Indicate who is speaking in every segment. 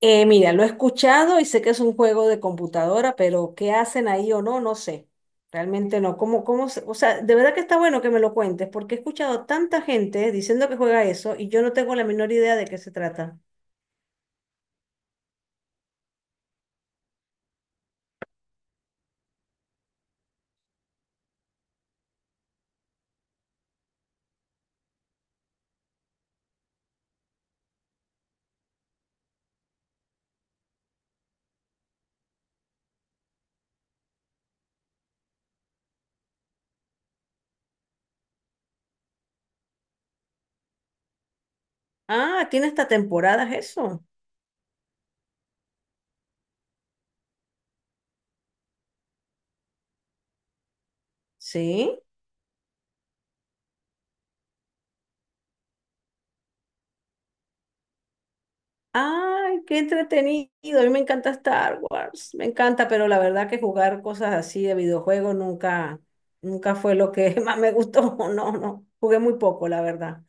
Speaker 1: Mira, lo he escuchado y sé que es un juego de computadora, pero qué hacen ahí o no, no sé. Realmente no. ¿Cómo o sea, de verdad que está bueno que me lo cuentes, porque he escuchado tanta gente diciendo que juega eso y yo no tengo la menor idea de qué se trata. Ah, tiene esta temporada eso. Sí. Ay, qué entretenido. A mí me encanta Star Wars. Me encanta, pero la verdad que jugar cosas así de videojuegos nunca fue lo que más me gustó. No, no. Jugué muy poco, la verdad.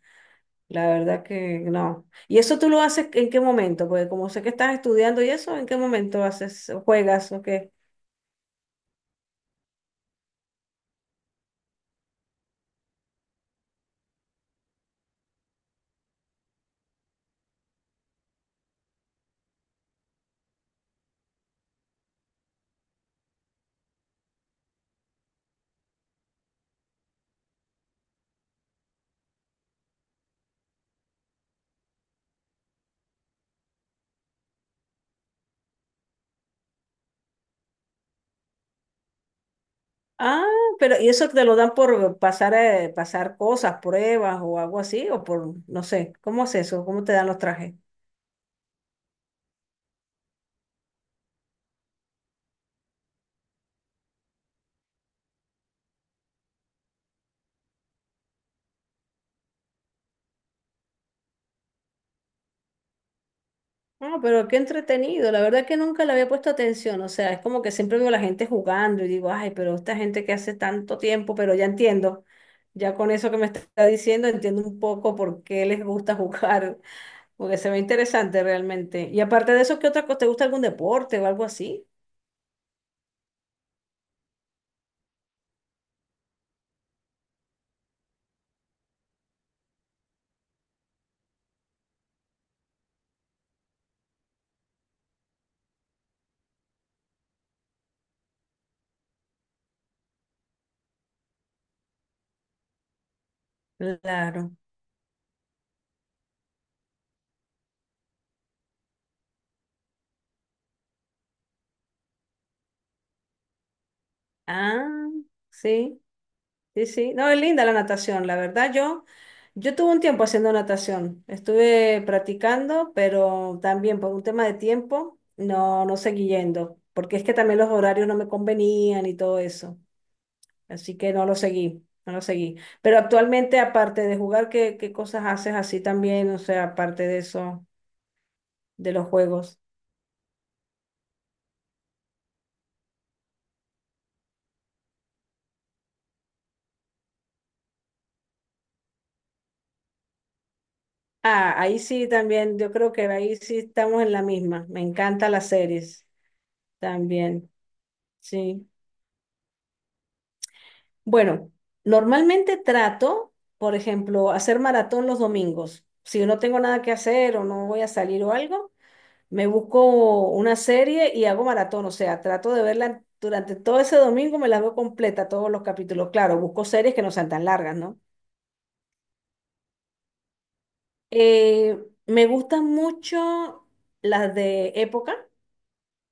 Speaker 1: La verdad que no. ¿Y eso tú lo haces en qué momento? Porque como sé que estás estudiando y eso, ¿en qué momento haces, juegas o qué? Ah, pero ¿y eso te lo dan por pasar, pasar cosas, pruebas o algo así? O por, no sé, ¿cómo es eso? ¿Cómo te dan los trajes? No, pero qué entretenido. La verdad que nunca le había puesto atención. O sea, es como que siempre veo a la gente jugando y digo, ay, pero esta gente que hace tanto tiempo, pero ya entiendo. Ya con eso que me está diciendo, entiendo un poco por qué les gusta jugar. Porque se ve interesante realmente. Y aparte de eso, ¿qué otra cosa? ¿Te gusta algún deporte o algo así? Claro. Ah, sí, sí, sí. No, es linda la natación, la verdad. Yo tuve un tiempo haciendo natación. Estuve practicando, pero también por un tema de tiempo, no, no seguí yendo. Porque es que también los horarios no me convenían y todo eso. Así que no lo seguí, no lo seguí. Pero actualmente, aparte de jugar, ¿qué cosas haces así también? O sea, aparte de eso, de los juegos. Ah, ahí sí también, yo creo que ahí sí estamos en la misma. Me encantan las series también, sí. Bueno, normalmente trato, por ejemplo, hacer maratón los domingos. Si no tengo nada que hacer o no voy a salir o algo, me busco una serie y hago maratón. O sea, trato de verla durante todo ese domingo, me la veo completa, todos los capítulos. Claro, busco series que no sean tan largas, ¿no? Eh, me gustan mucho las de época.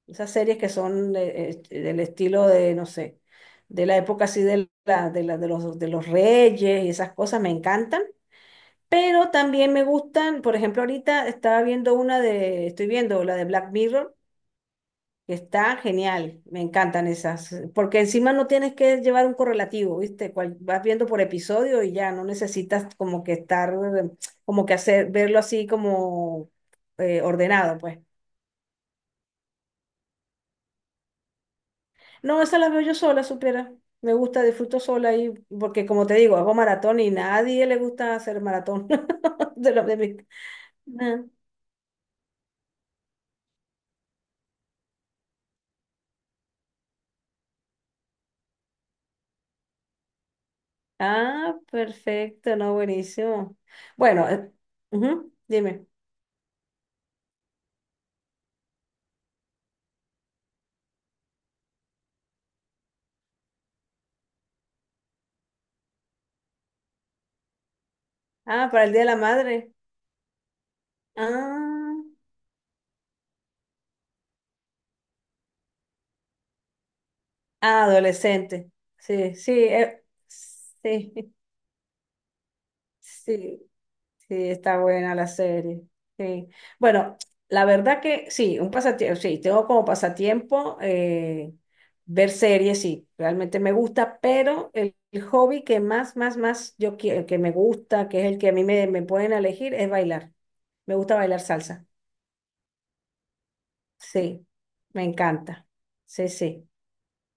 Speaker 1: Esas series que son del estilo de, no sé, de la época así de, de los reyes y esas cosas me encantan. Pero también me gustan, por ejemplo, ahorita estaba viendo una de, estoy viendo la de Black Mirror, que está genial, me encantan esas, porque encima no tienes que llevar un correlativo, ¿viste? Vas viendo por episodio y ya no necesitas como que estar, como que hacer, verlo así como ordenado, pues. No, esa la veo yo sola, supiera. Me gusta, disfruto sola y porque como te digo, hago maratón y nadie le gusta hacer maratón de los de mí. Ah, Ah, perfecto, no, buenísimo. Bueno, ujú, dime. Ah, para el Día de la Madre. Ah, adolescente. Sí, sí, sí, sí. Sí, está buena la serie. Sí. Bueno, la verdad que sí, un pasatiempo, sí, tengo como pasatiempo ver series, sí, realmente me gusta, pero el hobby que más, más, más yo quiero, que me gusta, que es el que a mí me, me pueden elegir, es bailar. Me gusta bailar salsa. Sí, me encanta. Sí, sí.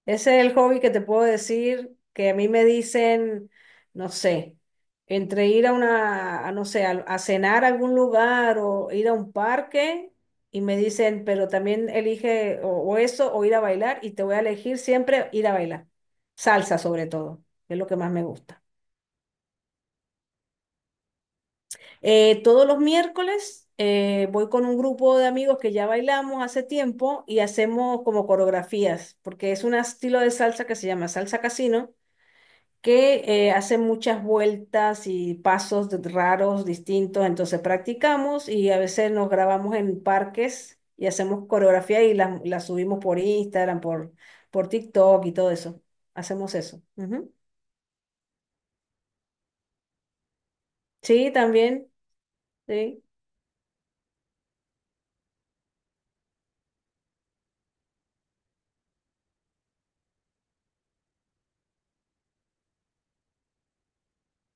Speaker 1: Ese es el hobby que te puedo decir que a mí me dicen, no sé, entre ir a una, a, no sé, a cenar a algún lugar o ir a un parque y me dicen, pero también elige o eso o ir a bailar y te voy a elegir siempre ir a bailar. Salsa sobre todo, que es lo que más me gusta. Todos los miércoles voy con un grupo de amigos que ya bailamos hace tiempo y hacemos como coreografías, porque es un estilo de salsa que se llama salsa casino que hace muchas vueltas y pasos raros, distintos, entonces practicamos y a veces nos grabamos en parques y hacemos coreografía y la subimos por Instagram, por TikTok y todo eso. Hacemos eso. Ujú. Sí, también. Sí.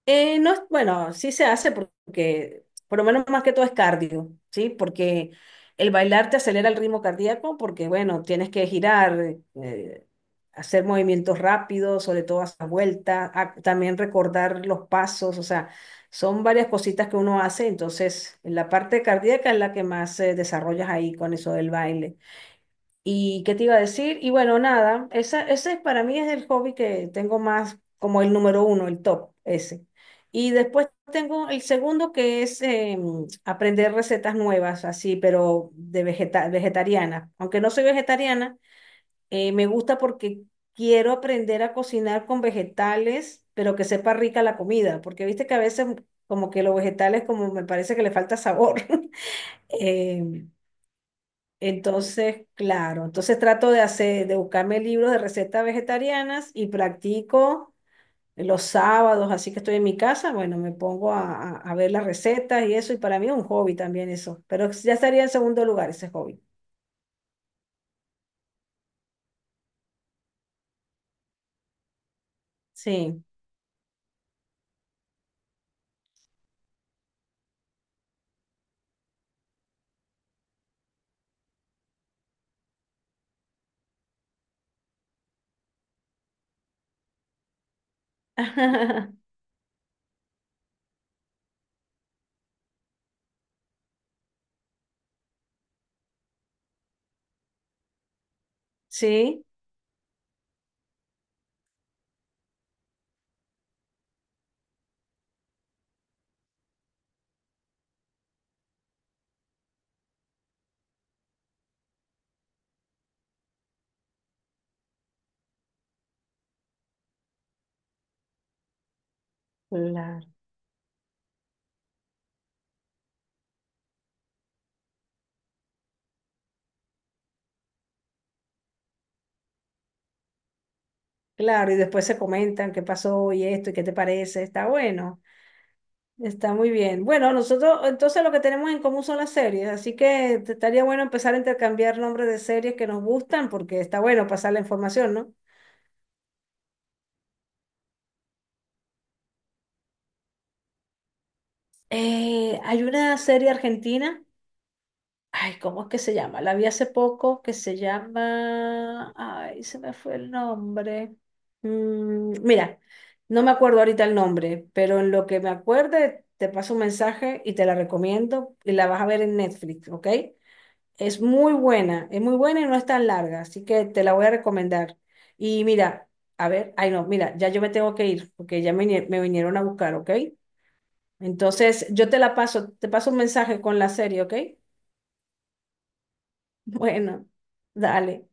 Speaker 1: No, es- bueno, sí se hace porque, por lo menos más que todo es cardio, ¿sí? Porque el bailar te acelera el ritmo cardíaco porque, bueno, tienes que girar, hacer movimientos rápidos, sobre todo hacer vueltas, ah, también recordar los pasos, o sea, son varias cositas que uno hace, entonces la parte cardíaca es la que más desarrollas ahí con eso del baile. ¿Y qué te iba a decir? Y bueno, nada, esa, ese para mí es el hobby que tengo más como el número uno, el top, ese. Y después tengo el segundo que es aprender recetas nuevas, así, pero de vegetariana. Aunque no soy vegetariana, me gusta porque quiero aprender a cocinar con vegetales, pero que sepa rica la comida, porque viste que a veces como que los vegetales como me parece que le falta sabor. Em, entonces, claro, entonces trato de hacer, de buscarme libros de recetas vegetarianas y practico los sábados, así que estoy en mi casa, bueno, me pongo a, a ver las recetas y eso, y para mí es un hobby también eso, pero ya estaría en segundo lugar ese hobby. Sí. Sí, claro. Claro, y después se comentan qué pasó y esto y qué te parece, está bueno. Está muy bien. Bueno, nosotros entonces lo que tenemos en común son las series, así que estaría bueno empezar a intercambiar nombres de series que nos gustan porque está bueno pasar la información, ¿no? Hay una serie argentina, ay, ¿cómo es que se llama? La vi hace poco que se llama, ay, se me fue el nombre. Mm, mira, no me acuerdo ahorita el nombre, pero en lo que me acuerde te paso un mensaje y te la recomiendo y la vas a ver en Netflix, ¿ok? Es muy buena y no es tan larga, así que te la voy a recomendar. Y mira, a ver, ay no, mira, ya yo me tengo que ir porque ya me, me vinieron a buscar, ¿ok? Entonces, yo te la paso, te paso un mensaje con la serie, ¿ok? Bueno, dale.